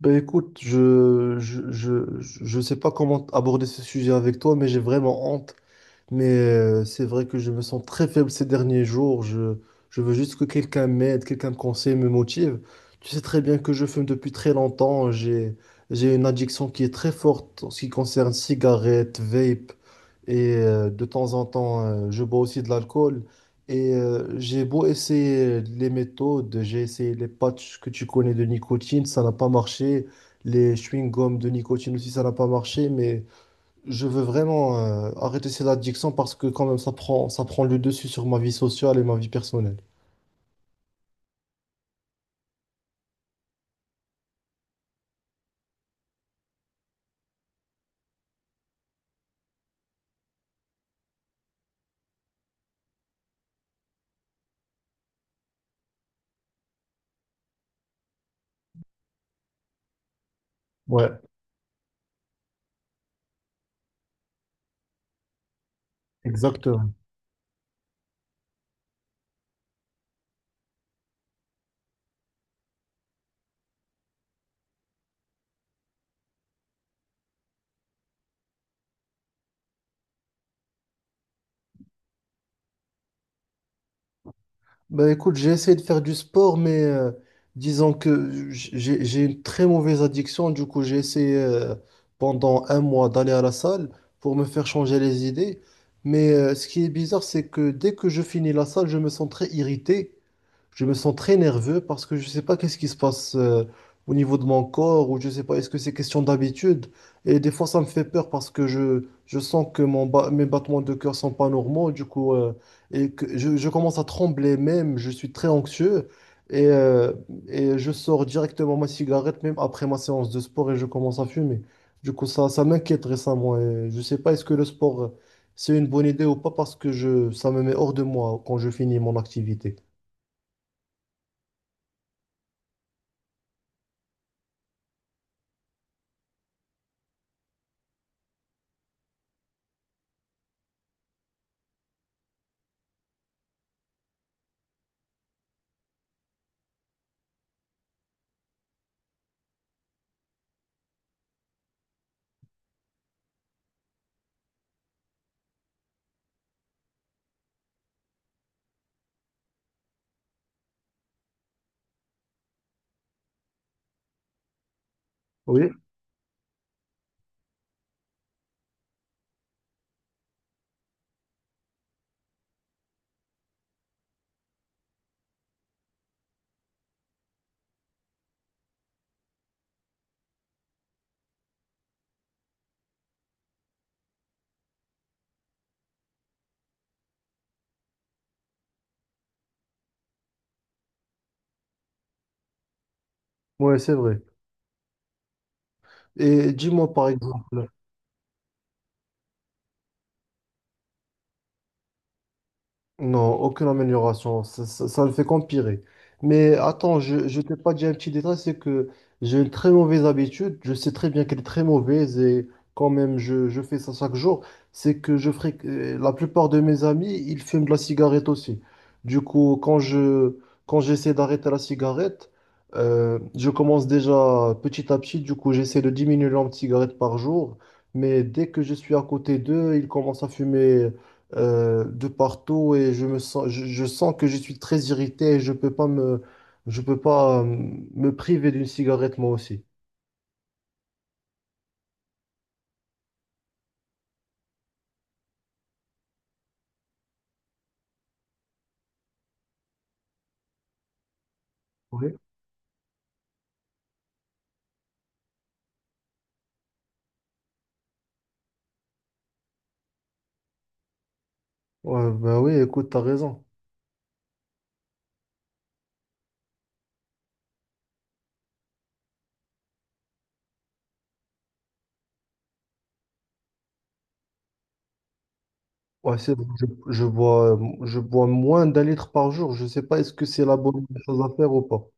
Ben écoute, je sais pas comment aborder ce sujet avec toi, mais j'ai vraiment honte mais c'est vrai que je me sens très faible ces derniers jours. Je veux juste que quelqu'un m'aide, quelqu'un me conseille, me motive. Tu sais très bien que je fume depuis très longtemps. J'ai une addiction qui est très forte en ce qui concerne cigarettes, vape. Et de temps en temps, je bois aussi de l'alcool. Et j'ai beau essayer les méthodes, j'ai essayé les patchs que tu connais de nicotine, ça n'a pas marché. Les chewing-gums de nicotine aussi, ça n'a pas marché. Mais je veux vraiment arrêter cette addiction parce que quand même ça prend le dessus sur ma vie sociale et ma vie personnelle. Ouais, exactement. Bah écoute, j'ai essayé de faire du sport, mais disons que j'ai une très mauvaise addiction. Du coup, j'ai essayé pendant un mois d'aller à la salle pour me faire changer les idées. Mais ce qui est bizarre, c'est que dès que je finis la salle, je me sens très irrité. Je me sens très nerveux parce que je ne sais pas qu'est-ce qui se passe au niveau de mon corps ou je ne sais pas, est-ce que c'est question d'habitude? Et des fois, ça me fait peur parce que je sens que mes battements de cœur sont pas normaux, du coup, et que je commence à trembler même, je suis très anxieux et, euh, et je sors directement ma cigarette même après ma séance de sport et je commence à fumer. Du coup, ça m'inquiète récemment et je ne sais pas, est-ce que le sport, c'est une bonne idée ou pas parce que ça me met hors de moi quand je finis mon activité. Oui. Ouais, c'est vrai. Et dis-moi par exemple, non, aucune amélioration. Ça ne fait qu'empirer. Mais attends, je t'ai pas dit un petit détail, c'est que j'ai une très mauvaise habitude. Je sais très bien qu'elle est très mauvaise et quand même, je fais ça chaque jour. C'est que je ferai, la plupart de mes amis, ils fument de la cigarette aussi. Du coup, quand j'essaie d'arrêter la cigarette, je commence déjà petit à petit. Du coup, j'essaie de diminuer le nombre de cigarettes par jour. Mais dès que je suis à côté d'eux, ils commencent à fumer de partout et je sens que je suis très irrité et je peux pas me priver d'une cigarette moi aussi. Oui. Ouais, bah oui, écoute, t'as raison. Ouais, c'est vrai, je bois moins d'un litre par jour. Je sais pas est-ce que c'est la bonne chose à faire ou pas.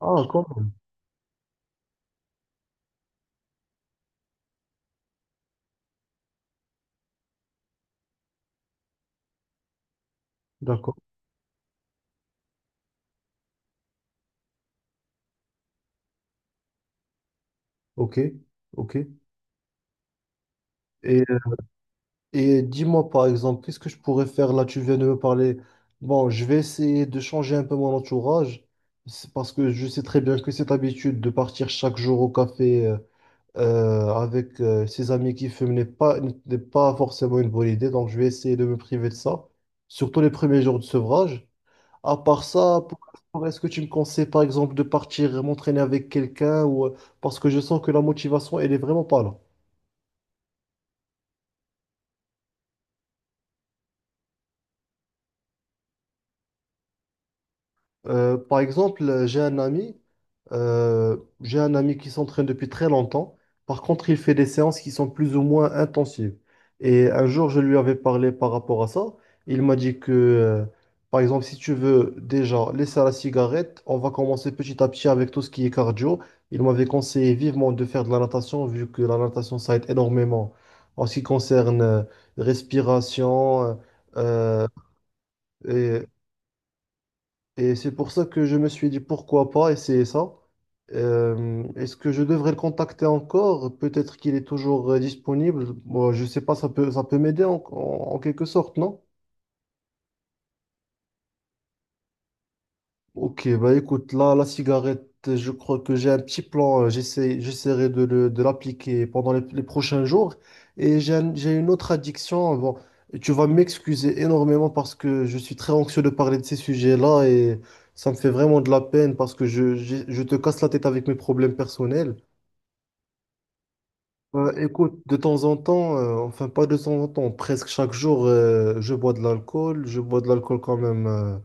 Ah, quand même. D'accord. Ok. Ok. Et Et dis-moi par exemple, qu'est-ce que je pourrais faire là? Tu viens de me parler. Bon, je vais essayer de changer un peu mon entourage. C'est parce que je sais très bien que cette habitude de partir chaque jour au café avec ses amis qui fument n'est pas forcément une bonne idée. Donc, je vais essayer de me priver de ça, surtout les premiers jours de sevrage. À part ça, est-ce que tu me conseilles par exemple de partir m'entraîner avec quelqu'un ou parce que je sens que la motivation, elle est vraiment pas là. Par exemple, j'ai un ami qui s'entraîne depuis très longtemps. Par contre, il fait des séances qui sont plus ou moins intensives. Et un jour, je lui avais parlé par rapport à ça. Il m'a dit que, par exemple, si tu veux déjà laisser la cigarette, on va commencer petit à petit avec tout ce qui est cardio. Il m'avait conseillé vivement de faire de la natation, vu que la natation, ça aide énormément en ce qui concerne respiration. euh, et c'est pour ça que je me suis dit pourquoi pas essayer ça. Est-ce que je devrais le contacter encore? Peut-être qu'il est toujours disponible. Moi, je sais pas, ça peut m'aider en quelque sorte, non? Ok, bah écoute, là, la cigarette, je crois que j'ai un petit plan. J'essaierai de l'appliquer pendant les prochains jours. Et j'ai une autre addiction. Bon, tu vas m'excuser énormément parce que je suis très anxieux de parler de ces sujets-là et ça me fait vraiment de la peine parce que je te casse la tête avec mes problèmes personnels. Bah, écoute, de temps en temps, enfin pas de temps en temps, presque chaque jour, je bois de l'alcool. Je bois de l'alcool quand même. euh,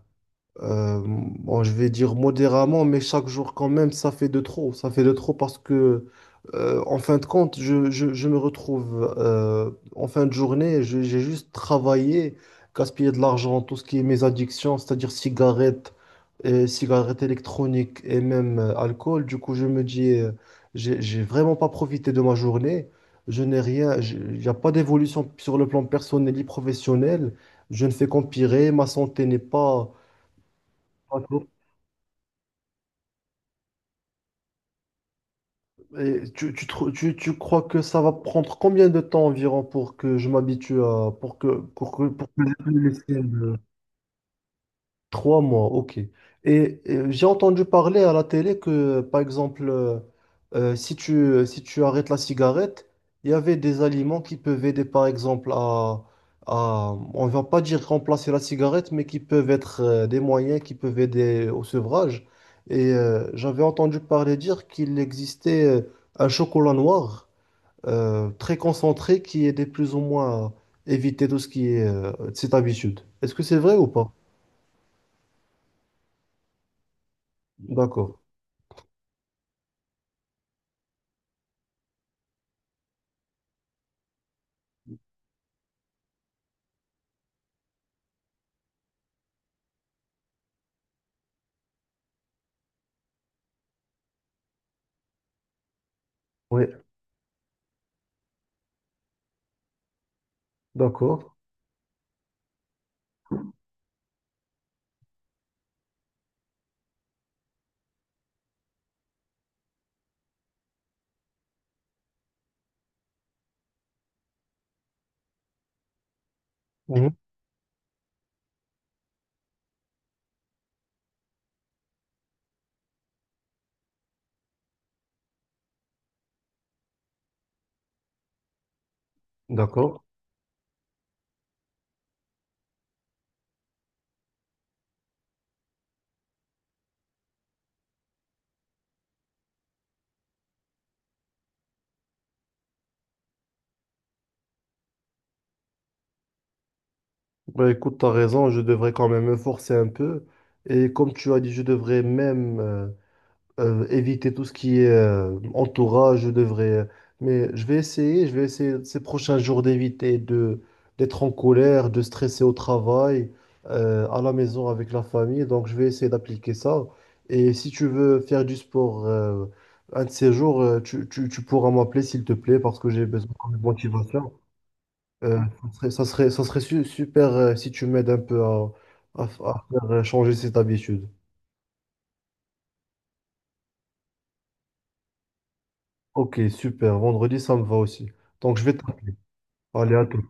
euh, Bon, je vais dire modérément, mais chaque jour quand même, ça fait de trop. Ça fait de trop parce que, en fin de compte, je me retrouve en fin de journée, j'ai juste travaillé, gaspillé de l'argent, tout ce qui est mes addictions, c'est-à-dire cigarettes, et cigarettes électroniques et même alcool. Du coup, je me dis, j'ai vraiment pas profité de ma journée. Je n'ai rien, j'ai- Il n'y a pas d'évolution sur le plan personnel et professionnel. Je ne fais qu'empirer, ma santé n'est pas… Et tu crois que ça va prendre combien de temps environ pour que je m'habitue à pour que j'ai plus les signes de- trois mois, ok. Et, j'ai entendu parler à la télé que, par exemple, si si tu arrêtes la cigarette, il y avait des aliments qui peuvent aider, par exemple, on va pas dire remplacer la cigarette, mais qui peuvent être des moyens qui peuvent aider au sevrage. Et j'avais entendu parler dire qu'il existait un chocolat noir très concentré qui aidait plus ou moins à éviter tout ce qui est cette habitude. Est-ce que c'est vrai ou pas? D'accord. Oui. D'accord, mhm, d'accord. Bah, écoute, tu as raison, je devrais quand même me forcer un peu. Et comme tu as dit, je devrais même éviter tout ce qui est entourage, je devrais… Mais je vais essayer ces prochains jours d'éviter de d'être en colère, de stresser au travail, à la maison avec la famille. Donc, je vais essayer d'appliquer ça. Et si tu veux faire du sport un de ces jours, tu pourras m'appeler, s'il te plaît, parce que j'ai besoin de motivation. Euh, ça serait super si tu m'aides un peu à faire changer cette habitude. Ok, super. Vendredi, ça me va aussi. Donc, je vais t'appeler. Allez, à tout.